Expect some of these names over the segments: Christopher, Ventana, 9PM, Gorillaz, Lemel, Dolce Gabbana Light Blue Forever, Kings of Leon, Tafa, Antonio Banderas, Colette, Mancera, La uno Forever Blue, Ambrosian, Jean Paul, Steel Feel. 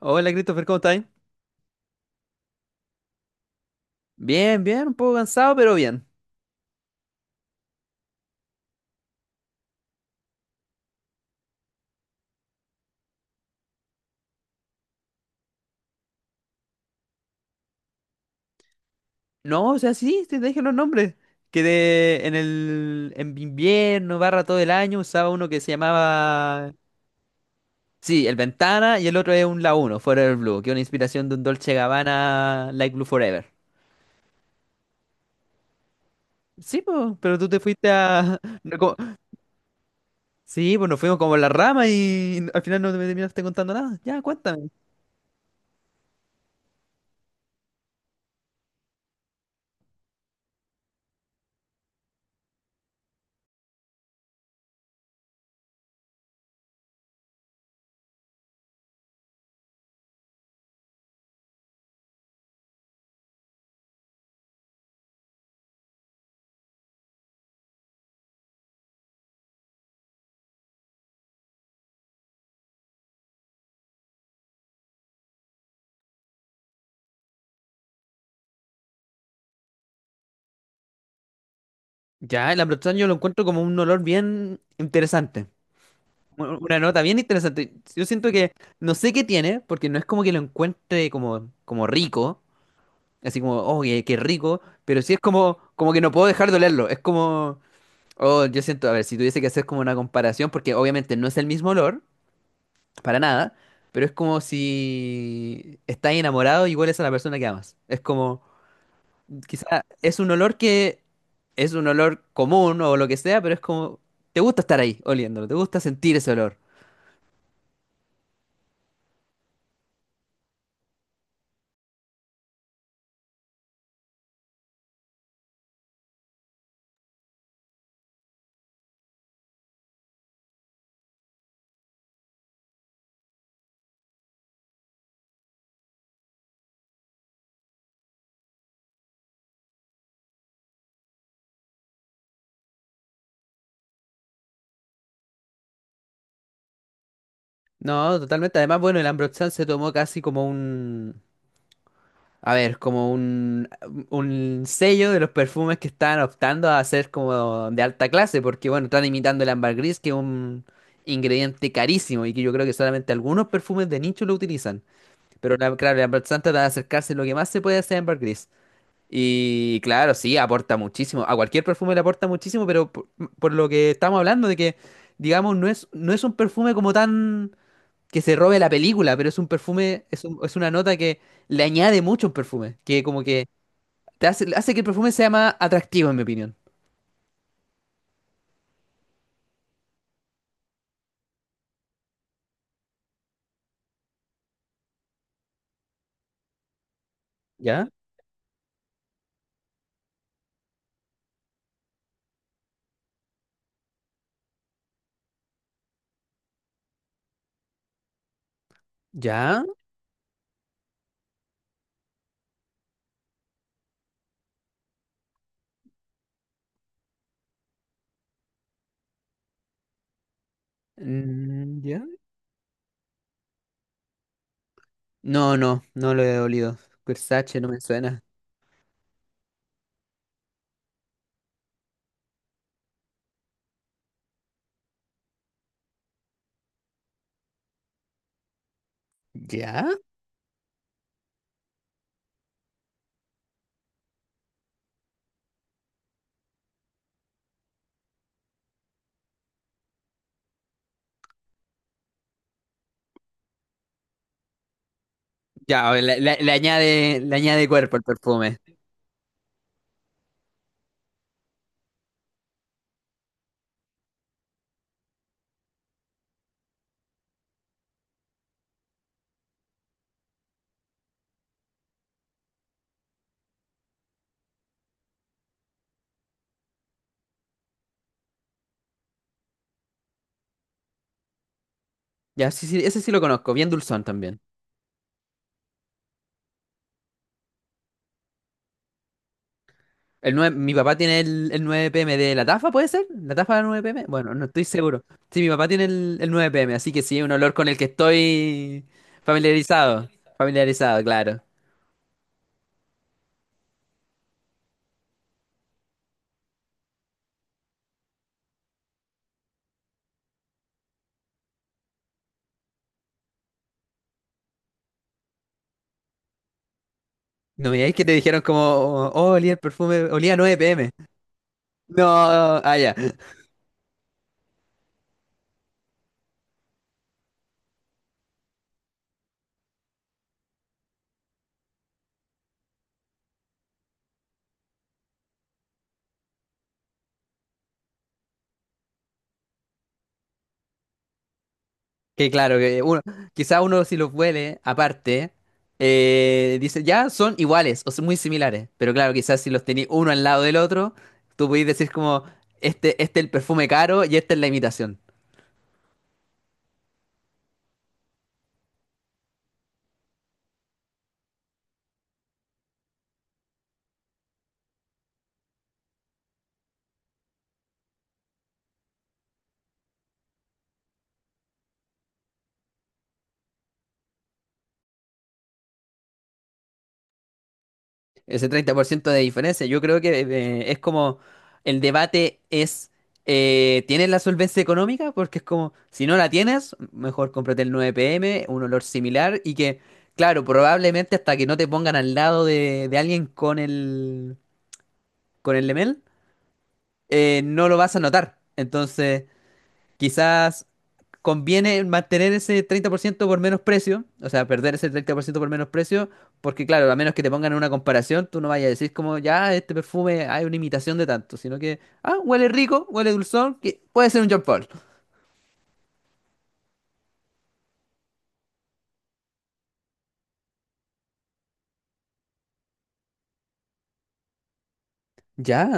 Hola Christopher, ¿cómo estáis? Bien, bien, un poco cansado, pero bien. No, o sea, sí, sí, te dije los nombres. Que en invierno, barra todo el año, usaba uno que se llamaba... Sí, el Ventana y el otro es un La uno Forever Blue, que es una inspiración de un Dolce Gabbana Light Blue Forever. Sí, po, pero tú te fuiste a... No. Sí, pues nos fuimos como en la rama y al final no me terminaste contando nada. Ya, cuéntame. Ya, el Ambrosian yo lo encuentro como un olor bien interesante. Una nota bien interesante. Yo siento que no sé qué tiene, porque no es como que lo encuentre como, rico, así como, oh, qué rico, pero sí es como, que no puedo dejar de olerlo. Es como, oh, yo siento, a ver, si tuviese que hacer como una comparación, porque obviamente no es el mismo olor, para nada, pero es como si estás enamorado y hueles a la persona que amas. Es como, quizá es un olor que es un olor común o lo que sea, pero es como, te gusta estar ahí oliéndolo, te gusta sentir ese olor. No, totalmente. Además, bueno, el Ambrosian se tomó casi como un, a ver, como un, sello de los perfumes que están optando a ser como de alta clase, porque bueno, están imitando el ámbar gris, que es un ingrediente carísimo y que yo creo que solamente algunos perfumes de nicho lo utilizan. Pero claro, el Ambrosian trata de acercarse lo que más se puede hacer ámbar gris. Y claro, sí, aporta muchísimo. A cualquier perfume le aporta muchísimo, pero por lo que estamos hablando de que, digamos, no es un perfume como tan que se robe la película, pero es un perfume, es una nota que le añade mucho a un perfume, que como que te hace, hace que el perfume sea más atractivo, en mi opinión. ¿Ya? ¿Ya? Mm, ¿Ya? No, no, no lo he olido. Versace no me suena. ¿Ya? Ya, a ver, le añade cuerpo al perfume. Ya, sí, sí, ese sí lo conozco, bien dulzón también. El 9, mi papá tiene el, 9PM de la Tafa, ¿puede ser? ¿La Tafa de la 9PM? Bueno, no estoy seguro. Sí, mi papá tiene el, 9PM, así que sí, es un olor con el que estoy familiarizado. Familiarizado, claro. No me digáis que te dijeron como, oh, oh, olía el perfume, olía 9PM. No, ah, ya. Que claro, que uno, quizá uno si los huele aparte, dice, ya son iguales o son muy similares. Pero claro, quizás si los tenéis uno al lado del otro, tú podéis decir como, este es el perfume caro y esta es la imitación. Ese 30% de diferencia. Yo creo que es como el debate es, ¿tienes la solvencia económica? Porque es como, si no la tienes, mejor cómprate el 9PM, un olor similar y que, claro, probablemente hasta que no te pongan al lado de, alguien con el, Lemel, no lo vas a notar. Entonces, quizás conviene mantener ese 30% por menos precio, o sea, perder ese 30% por ciento por menos precio, porque claro, a menos que te pongan en una comparación, tú no vayas a decir como, ya, este perfume hay una imitación de tanto, sino que, ah, huele rico, huele dulzón, que puede ser un Jean Paul. Ya,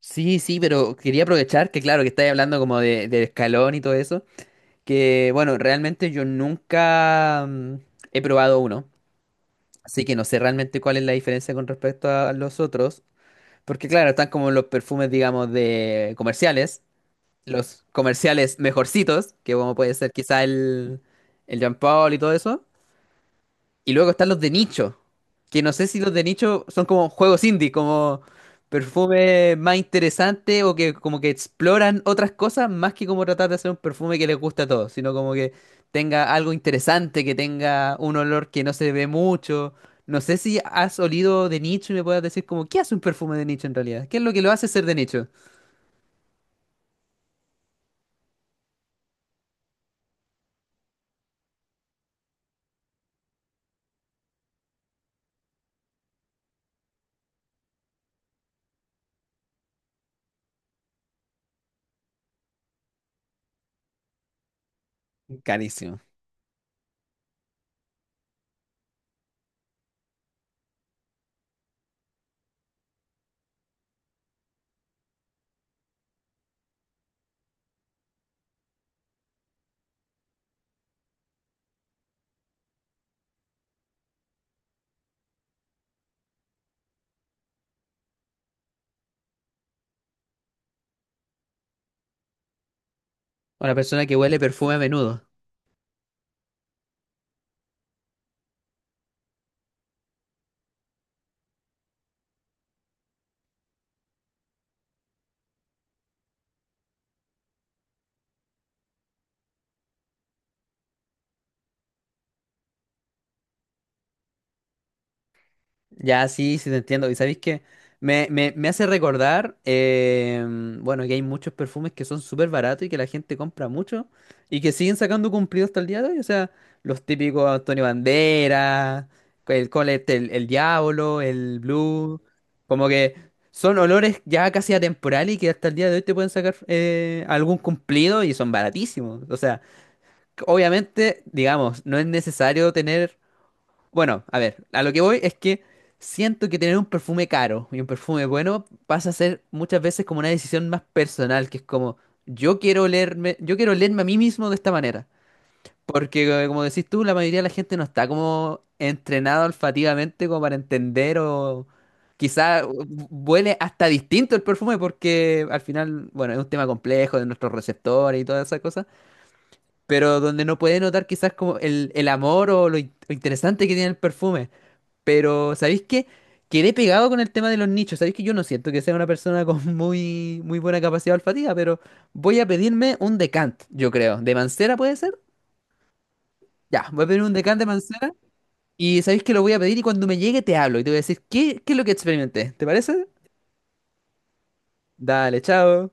sí, sí, pero quería aprovechar que claro, que estáis hablando como de escalón y todo eso, que bueno, realmente yo nunca he probado uno, así que no sé realmente cuál es la diferencia con respecto a los otros. Porque claro, están como los perfumes, digamos, de comerciales, los comerciales mejorcitos, que como puede ser quizá el, Jean Paul y todo eso. Y luego están los de nicho, que no sé si los de nicho son como juegos indie, como perfume más interesante o que como que exploran otras cosas más que como tratar de hacer un perfume que les gusta a todos, sino como que tenga algo interesante, que tenga un olor que no se ve mucho. No sé si has olido de nicho y me puedas decir como, ¿qué hace un perfume de nicho en realidad? ¿Qué es lo que lo hace ser de nicho? Carísimo. Una persona que huele perfume a menudo. Ya, sí, sí te entiendo. Y sabéis que me hace recordar, bueno, que hay muchos perfumes que son súper baratos y que la gente compra mucho y que siguen sacando cumplidos hasta el día de hoy. O sea, los típicos Antonio Banderas, el Colette, el, Diablo, el Blue, como que son olores ya casi atemporales y que hasta el día de hoy te pueden sacar algún cumplido y son baratísimos. O sea, obviamente, digamos, no es necesario tener. Bueno, a ver, a lo que voy es que siento que tener un perfume caro y un perfume bueno pasa a ser muchas veces como una decisión más personal, que es como yo quiero olerme a mí mismo de esta manera, porque como decís tú, la mayoría de la gente no está como entrenada olfativamente como para entender o quizá huele hasta distinto el perfume porque al final, bueno, es un tema complejo de nuestros receptores y todas esas cosas, pero donde no puede notar quizás como el, amor o lo interesante que tiene el perfume. Pero, ¿sabéis qué? Quedé pegado con el tema de los nichos. Sabéis que yo no siento que sea una persona con muy, muy buena capacidad olfativa, pero voy a pedirme un decant, yo creo. ¿De Mancera puede ser? Ya, voy a pedir un decant de Mancera. Y sabéis que lo voy a pedir y cuando me llegue te hablo y te voy a decir qué, es lo que experimenté. ¿Te parece? Dale, chao.